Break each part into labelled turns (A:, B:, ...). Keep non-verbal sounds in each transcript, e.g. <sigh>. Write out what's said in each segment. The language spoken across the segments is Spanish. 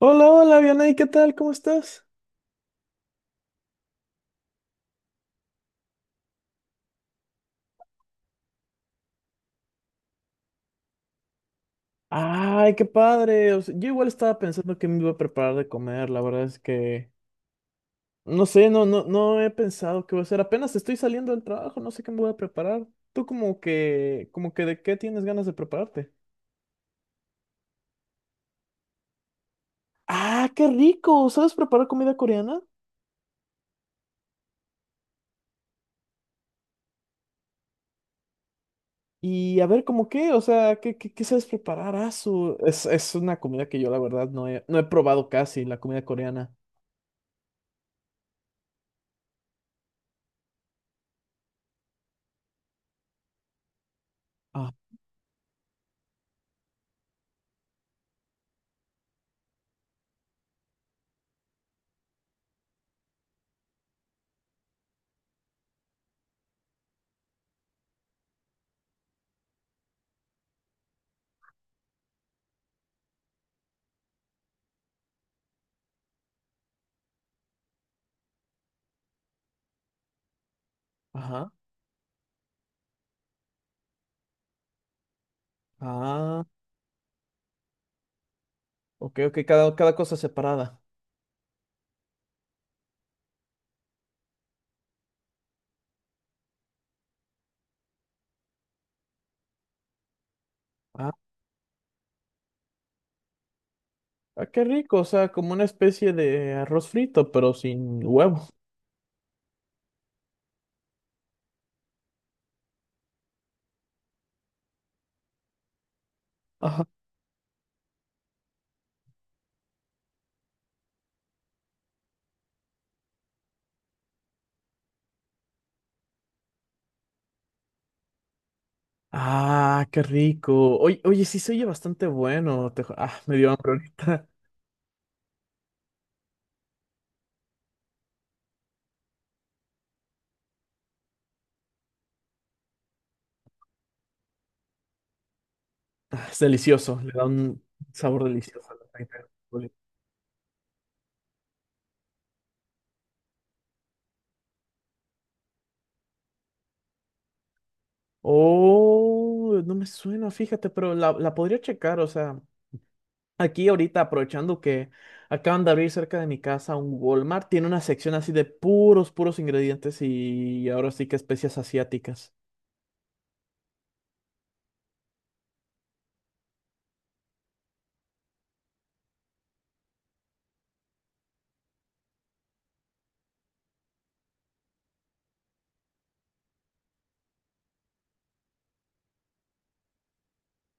A: Hola, hola, Vianey, ¿qué tal? ¿Cómo estás? Ay, qué padre. O sea, yo igual estaba pensando que me iba a preparar de comer. La verdad es que no sé, no he pensado qué voy a hacer. Apenas estoy saliendo del trabajo, no sé qué me voy a preparar. ¿Tú como que de qué tienes ganas de prepararte? Ah, qué rico. ¿Sabes preparar comida coreana? Y a ver, ¿cómo qué? O sea, ¿qué sabes preparar? Ah, es una comida que yo la verdad no he probado casi, la comida coreana. Ah, ajá. Ah, ok, ok, cada cosa separada. Ah, ah, qué rico, o sea, como una especie de arroz frito, pero sin huevo. Ajá. Ah, qué rico. Oye, oye, sí se oye bastante bueno. Me dio hambre ahorita. <laughs> Ah, es delicioso, le da un sabor delicioso a la carne. Oh, no me suena, fíjate, pero la podría checar, o sea, aquí ahorita aprovechando que acaban de abrir cerca de mi casa un Walmart, tiene una sección así de puros, puros ingredientes y ahora sí que especias asiáticas.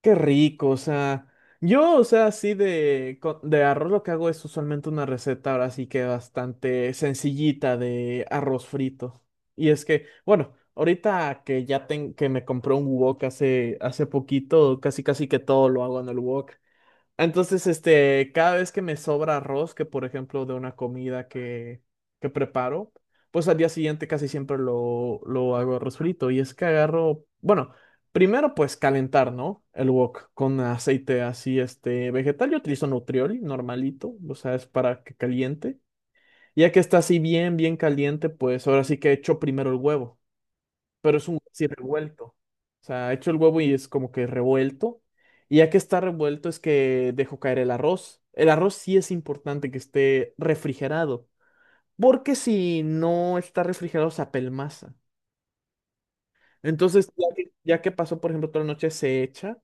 A: Qué rico, o sea, yo, o sea, así de, de arroz lo que hago es usualmente una receta ahora sí que bastante sencillita de arroz frito. Y es que, bueno, ahorita que ya que me compré un wok hace poquito, casi casi que todo lo hago en el wok. Entonces, este, cada vez que me sobra arroz, que por ejemplo de una comida que preparo, pues al día siguiente casi siempre lo hago arroz frito. Y es que agarro, bueno, primero pues calentar, ¿no? El wok con aceite así, este, vegetal. Yo utilizo Nutrioli, normalito, o sea, es para que caliente. Ya que está así bien, bien caliente, pues ahora sí que echo primero el huevo, pero es un huevo así revuelto. O sea, hecho el huevo y es como que revuelto. Y ya que está revuelto es que dejo caer el arroz. El arroz sí es importante que esté refrigerado, porque si no está refrigerado se apelmaza. Entonces, ya que pasó, por ejemplo, toda la noche, se echa.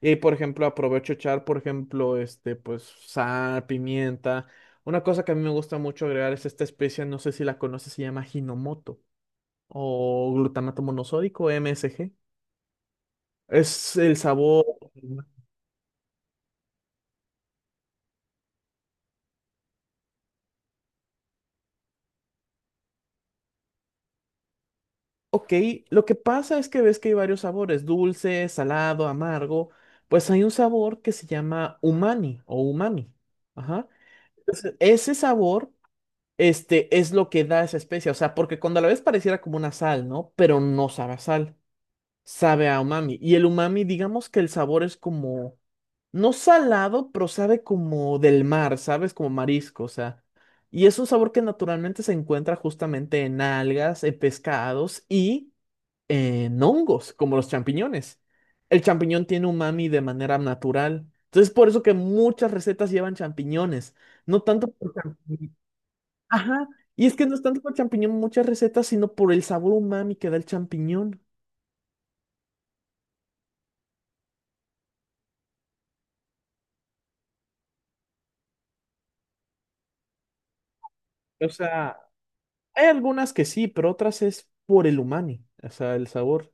A: Y, por ejemplo, aprovecho echar, por ejemplo, este, pues, sal, pimienta. Una cosa que a mí me gusta mucho agregar es esta especia, no sé si la conoces, se llama Hinomoto o glutamato monosódico, MSG. Es el sabor. mm, Ok, lo que pasa es que ves que hay varios sabores, dulce, salado, amargo. Pues hay un sabor que se llama umami o umami. Ajá. Entonces, ese sabor, este, es lo que da esa especia. O sea, porque cuando a la ves pareciera como una sal, ¿no? Pero no sabe a sal, sabe a umami. Y el umami, digamos que el sabor es como no salado, pero sabe como del mar, ¿sabes? Como marisco, o sea. Y es un sabor que naturalmente se encuentra justamente en algas, en pescados y en hongos, como los champiñones. El champiñón tiene umami de manera natural. Entonces, por eso que muchas recetas llevan champiñones. No tanto por champiñón. Ajá. Y es que no es tanto por champiñón muchas recetas, sino por el sabor umami que da el champiñón. O sea, hay algunas que sí, pero otras es por el umami, o sea, el sabor.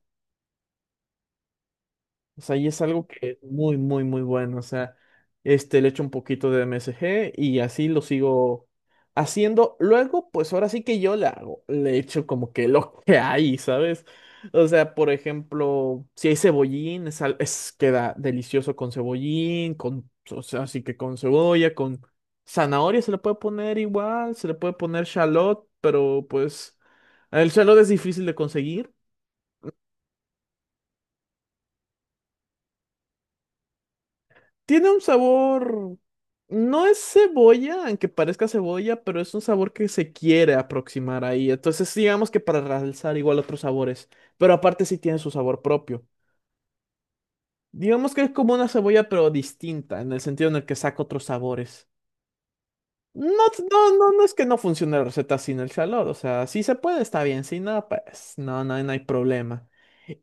A: O sea, y es algo que es muy, muy, muy bueno. O sea, este, le echo un poquito de MSG y así lo sigo haciendo. Luego, pues ahora sí que yo le echo como que lo que hay, ¿sabes? O sea, por ejemplo, si hay cebollín, queda delicioso con cebollín, con, o sea, así que con cebolla, con zanahoria se le puede poner igual, se le puede poner shallot, pero pues el shallot es difícil de conseguir. Tiene un sabor, no es cebolla, aunque parezca cebolla, pero es un sabor que se quiere aproximar ahí. Entonces, digamos que para realzar igual otros sabores, pero aparte sí tiene su sabor propio. Digamos que es como una cebolla, pero distinta, en el sentido en el que saca otros sabores. No, no es que no funcione la receta sin el calor, o sea, si se puede, está bien, si no, pues no hay problema.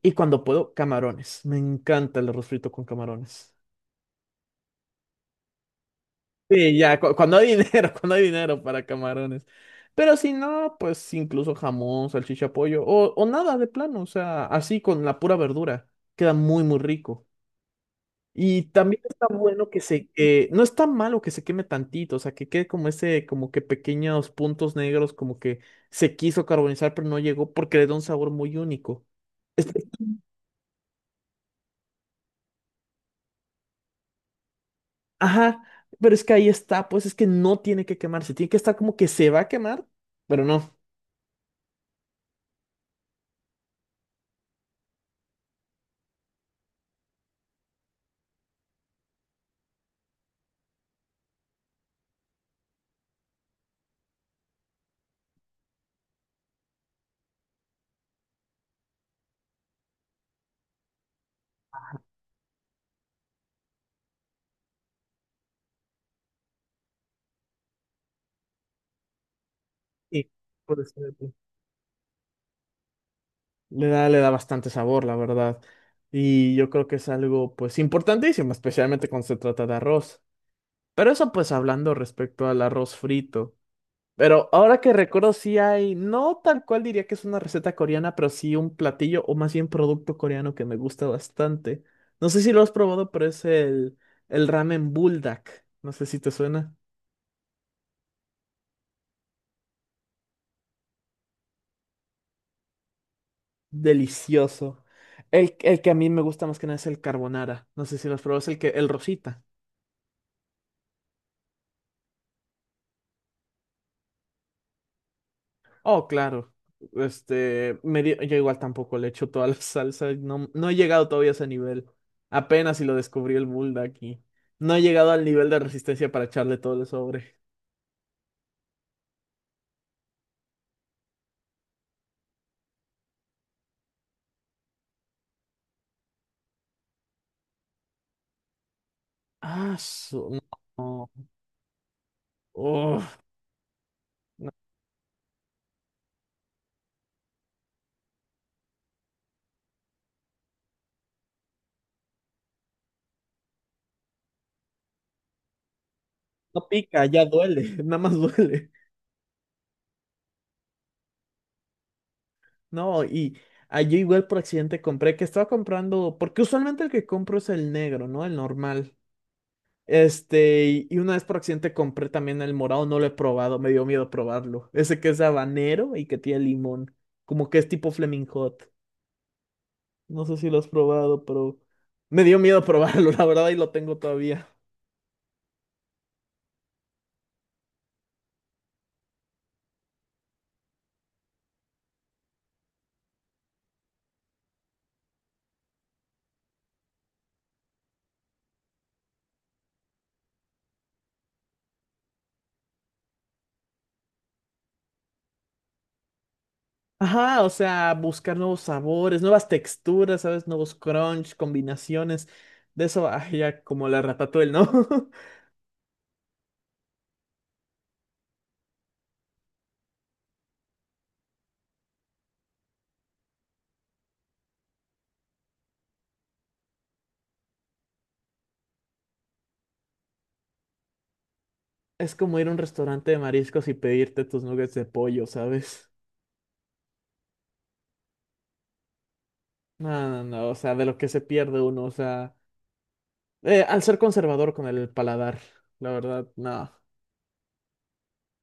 A: Y cuando puedo, camarones. Me encanta el arroz frito con camarones. Sí, ya, cuando hay dinero, <laughs> cuando hay dinero para camarones. Pero si no, pues incluso jamón, salchicha, pollo o nada de plano, o sea, así con la pura verdura. Queda muy, muy rico. Y también está bueno no está malo que se queme tantito, o sea, que quede como ese, como que pequeños puntos negros, como que se quiso carbonizar, pero no llegó porque le da un sabor muy único. Es- Ajá, pero es que ahí está, pues es que no tiene que quemarse, tiene que estar como que se va a quemar, pero no. Sí, puede ser. Le da bastante sabor, la verdad. Y yo creo que es algo, pues, importantísimo, especialmente cuando se trata de arroz. Pero eso, pues, hablando respecto al arroz frito. Pero ahora que recuerdo, sí hay, no tal cual diría que es una receta coreana, pero sí un platillo o más bien producto coreano que me gusta bastante. No sé si lo has probado, pero es el ramen buldak. No sé si te suena. Delicioso. El que a mí me gusta más que nada es el carbonara. No sé si lo has probado, es el que, el rosita. Oh, claro. Este, yo igual tampoco le echo toda la <laughs> salsa. No, no he llegado todavía a ese nivel. Apenas si lo descubrí el Bulldog aquí. No he llegado al nivel de resistencia para echarle todo el sobre. Ah, no. Uf, no, no pica, ya duele. <laughs> Nada más duele. No, y ah, yo igual por accidente compré, que estaba comprando, porque usualmente el que compro es el negro, ¿no? El normal. Este, y una vez por accidente compré también el morado, no lo he probado, me dio miedo probarlo. Ese que es habanero y que tiene limón, como que es tipo Flaming Hot. No sé si lo has probado, pero me dio miedo probarlo, <laughs> la verdad, y lo tengo todavía. Ajá, o sea, buscar nuevos sabores, nuevas texturas, ¿sabes? Nuevos crunch, combinaciones. De eso, ay, ya como la ratatouille, ¿no? <laughs> Es como ir a un restaurante de mariscos y pedirte tus nuggets de pollo, ¿sabes? No, no, no, o sea, de lo que se pierde uno, o sea. Al ser conservador con el paladar, la verdad, no.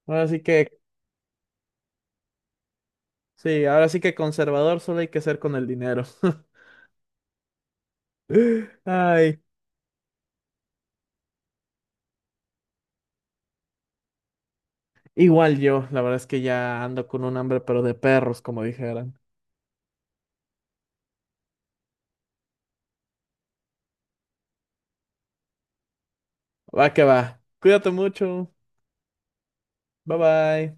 A: Ahora sí que, sí, ahora sí que conservador solo hay que ser con el dinero. <laughs> Ay, igual yo, la verdad es que ya ando con un hambre, pero de perros, como dijeran. Va que va. Cuídate mucho. Bye bye.